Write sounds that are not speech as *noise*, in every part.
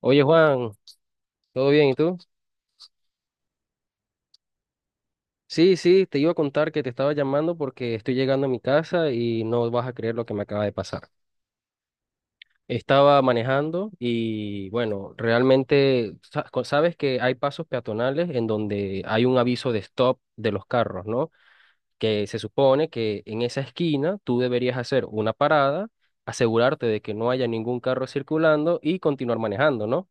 Oye Juan, ¿todo bien? ¿Y tú? Sí, sí, te iba a contar que te estaba llamando porque estoy llegando a mi casa y no vas a creer lo que me acaba de pasar. Estaba manejando y bueno, realmente sabes que hay pasos peatonales en donde hay un aviso de stop de los carros, ¿no? Que se supone que en esa esquina tú deberías hacer una parada, asegurarte de que no haya ningún carro circulando y continuar manejando, ¿no?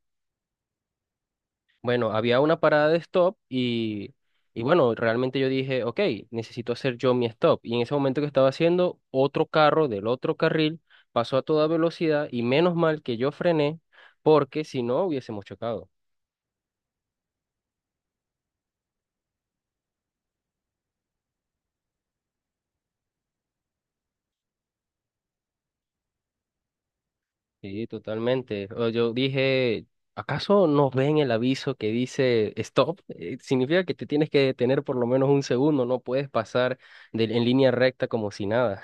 Bueno, había una parada de stop y bueno, realmente yo dije, ok, necesito hacer yo mi stop. Y en ese momento que estaba haciendo, otro carro del otro carril pasó a toda velocidad y menos mal que yo frené porque si no hubiésemos chocado. Sí, totalmente. O Yo dije, ¿acaso no ven el aviso que dice stop? Significa que te tienes que detener por lo menos un segundo, no puedes pasar en línea recta como si nada.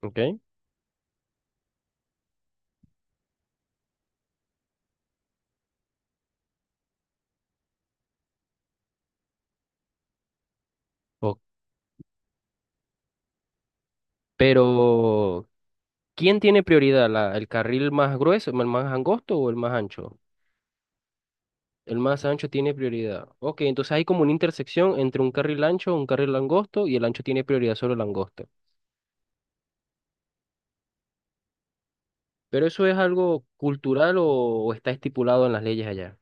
¿Ok? O- Pero ¿quién tiene prioridad? ¿El carril más grueso, el más angosto o el más ancho? El más ancho tiene prioridad. Ok, entonces hay como una intersección entre un carril ancho, un carril angosto y el ancho tiene prioridad sobre el angosto. ¿Pero eso es algo cultural o está estipulado en las leyes allá?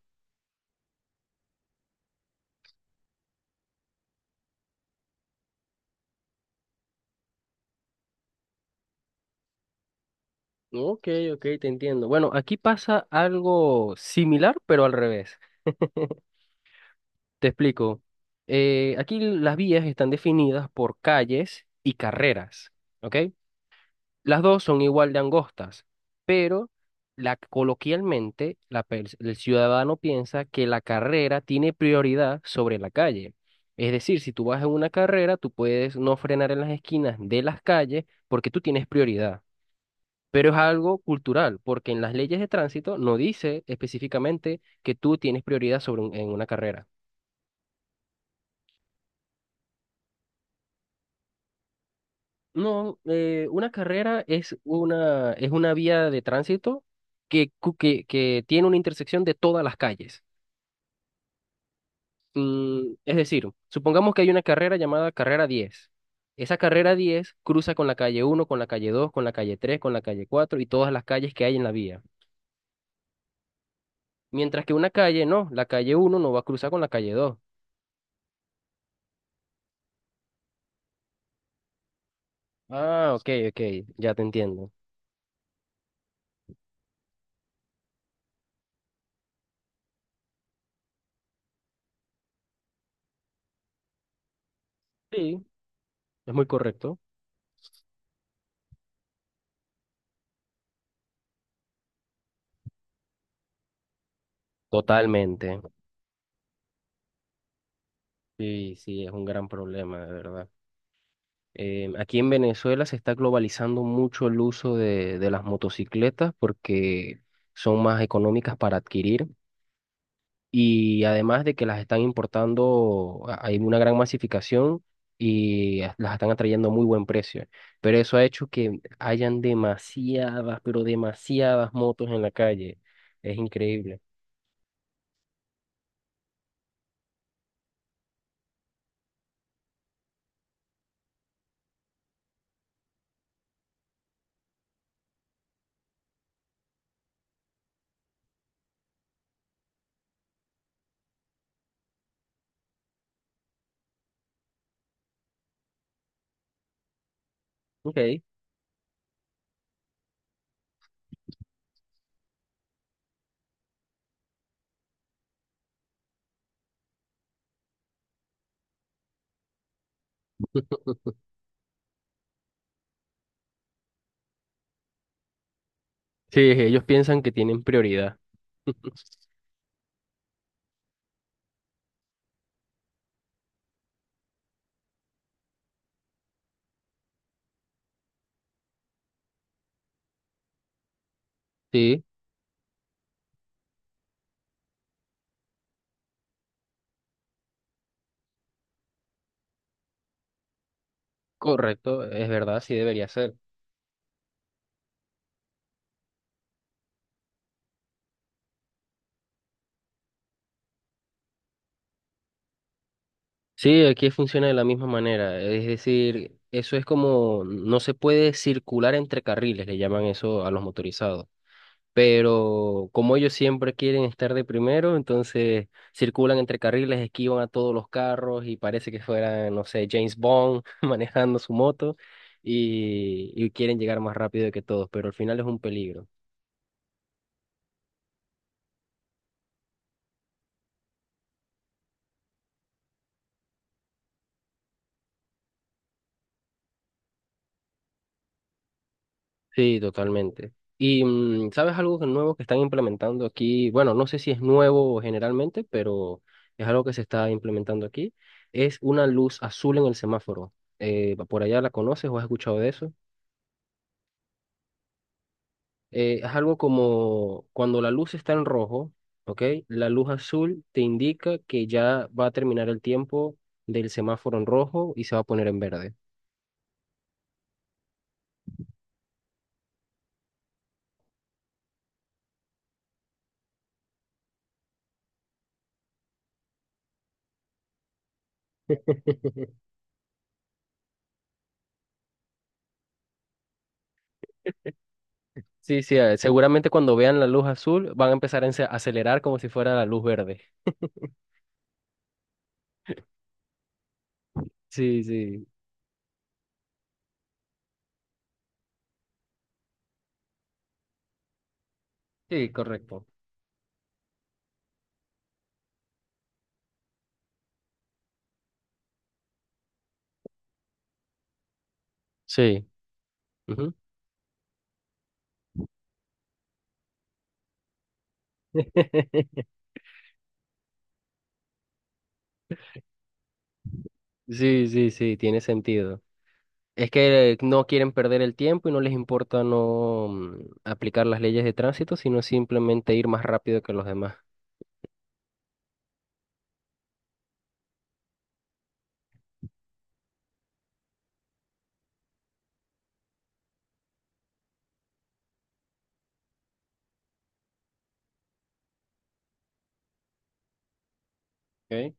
Ok, ok, te entiendo. Bueno, aquí pasa algo similar, pero al revés. Te explico. Aquí las vías están definidas por calles y carreras, ¿ok? Las dos son igual de angostas, pero coloquialmente el ciudadano piensa que la carrera tiene prioridad sobre la calle. Es decir, si tú vas en una carrera, tú puedes no frenar en las esquinas de las calles porque tú tienes prioridad. Pero es algo cultural, porque en las leyes de tránsito no dice específicamente que tú tienes prioridad sobre en una carrera. No, una carrera es una vía de tránsito que tiene una intersección de todas las calles. Es decir, supongamos que hay una carrera llamada carrera 10. Esa carrera 10 cruza con la calle uno, con la calle dos, con la calle tres, con la calle 4 y todas las calles que hay en la vía. Mientras que una calle no, la calle uno no va a cruzar con la calle dos. Ah, ok, ok, ya te entiendo. Sí, es muy correcto. Totalmente. Sí, sí, es un gran problema, de verdad. Aquí en Venezuela se está globalizando mucho el uso de las motocicletas porque son más económicas para adquirir y además de que las están importando, hay una gran masificación y las están atrayendo a muy buen precio. Pero eso ha hecho que hayan demasiadas, pero demasiadas motos en la calle. Es increíble. Ok. *laughs* Sí, ellos piensan que tienen prioridad. *laughs* Sí, correcto, es verdad, sí debería ser. Sí, aquí funciona de la misma manera. Es decir, eso es como, no se puede circular entre carriles, le llaman eso a los motorizados. Pero como ellos siempre quieren estar de primero, entonces circulan entre carriles, esquivan a todos los carros y parece que fuera, no sé, James Bond *laughs* manejando su moto y quieren llegar más rápido que todos, pero al final es un peligro. Sí, totalmente. Y ¿sabes algo nuevo que están implementando aquí? Bueno, no sé si es nuevo generalmente, pero es algo que se está implementando aquí. Es una luz azul en el semáforo. ¿Por allá la conoces o has escuchado de eso? Es algo como cuando la luz está en rojo, ¿ok? La luz azul te indica que ya va a terminar el tiempo del semáforo en rojo y se va a poner en verde. *laughs* Sí, sí, seguramente cuando vean la luz azul van a empezar a acelerar como si fuera la luz verde. Sí, sí, sí, correcto. Sí. Ujú. *laughs* Sí, sí, sí, tiene sentido. Es que no quieren perder el tiempo y no les importa no aplicar las leyes de tránsito, sino simplemente ir más rápido que los demás. Ok.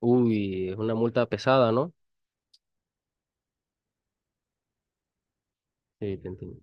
Uy, es una multa pesada, ¿no? Sí, te entiendo.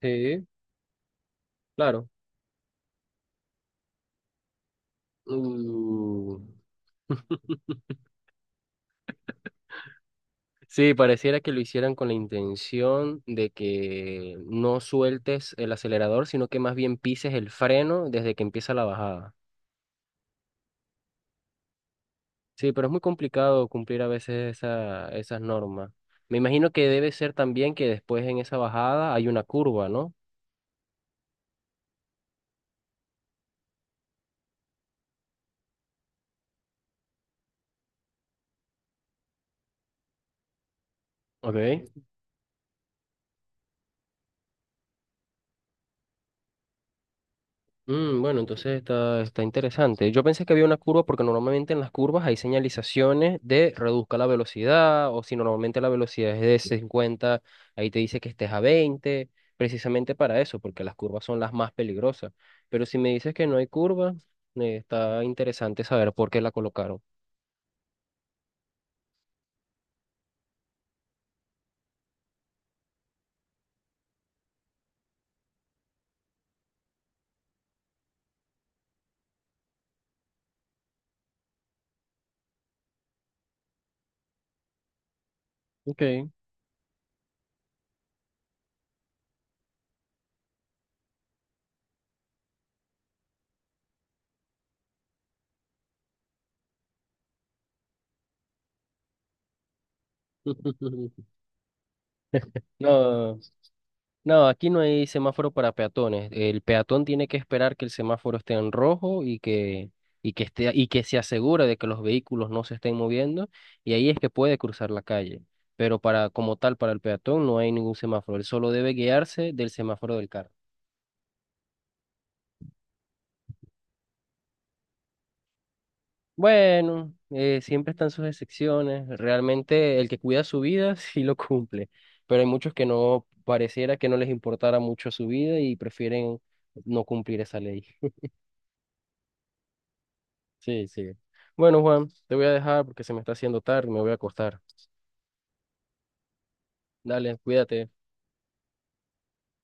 Sí, claro. Uh. *laughs* Sí, pareciera que lo hicieran con la intención de que no sueltes el acelerador, sino que más bien pises el freno desde que empieza la bajada. Sí, pero es muy complicado cumplir a veces esas normas. Me imagino que debe ser también que después en esa bajada hay una curva, ¿no? Ok. Bueno, entonces está interesante. Yo pensé que había una curva porque normalmente en las curvas hay señalizaciones de reduzca la velocidad o si normalmente la velocidad es de 50, ahí te dice que estés a 20, precisamente para eso, porque las curvas son las más peligrosas. Pero si me dices que no hay curva, está interesante saber por qué la colocaron. Ok. *laughs* No, no, aquí no hay semáforo para peatones. El peatón tiene que esperar que el semáforo esté en rojo y que se asegure de que los vehículos no se estén moviendo, y ahí es que puede cruzar la calle. Pero para, como tal, para el peatón no hay ningún semáforo. Él solo debe guiarse del semáforo del carro. Bueno, siempre están sus excepciones. Realmente el que cuida su vida *laughs* sí lo cumple, pero hay muchos que no pareciera que no les importara mucho su vida y prefieren no cumplir esa ley. Sí, sí. Bueno, Juan, te voy a dejar porque se me está haciendo tarde, me voy a acostar. Dale, cuídate.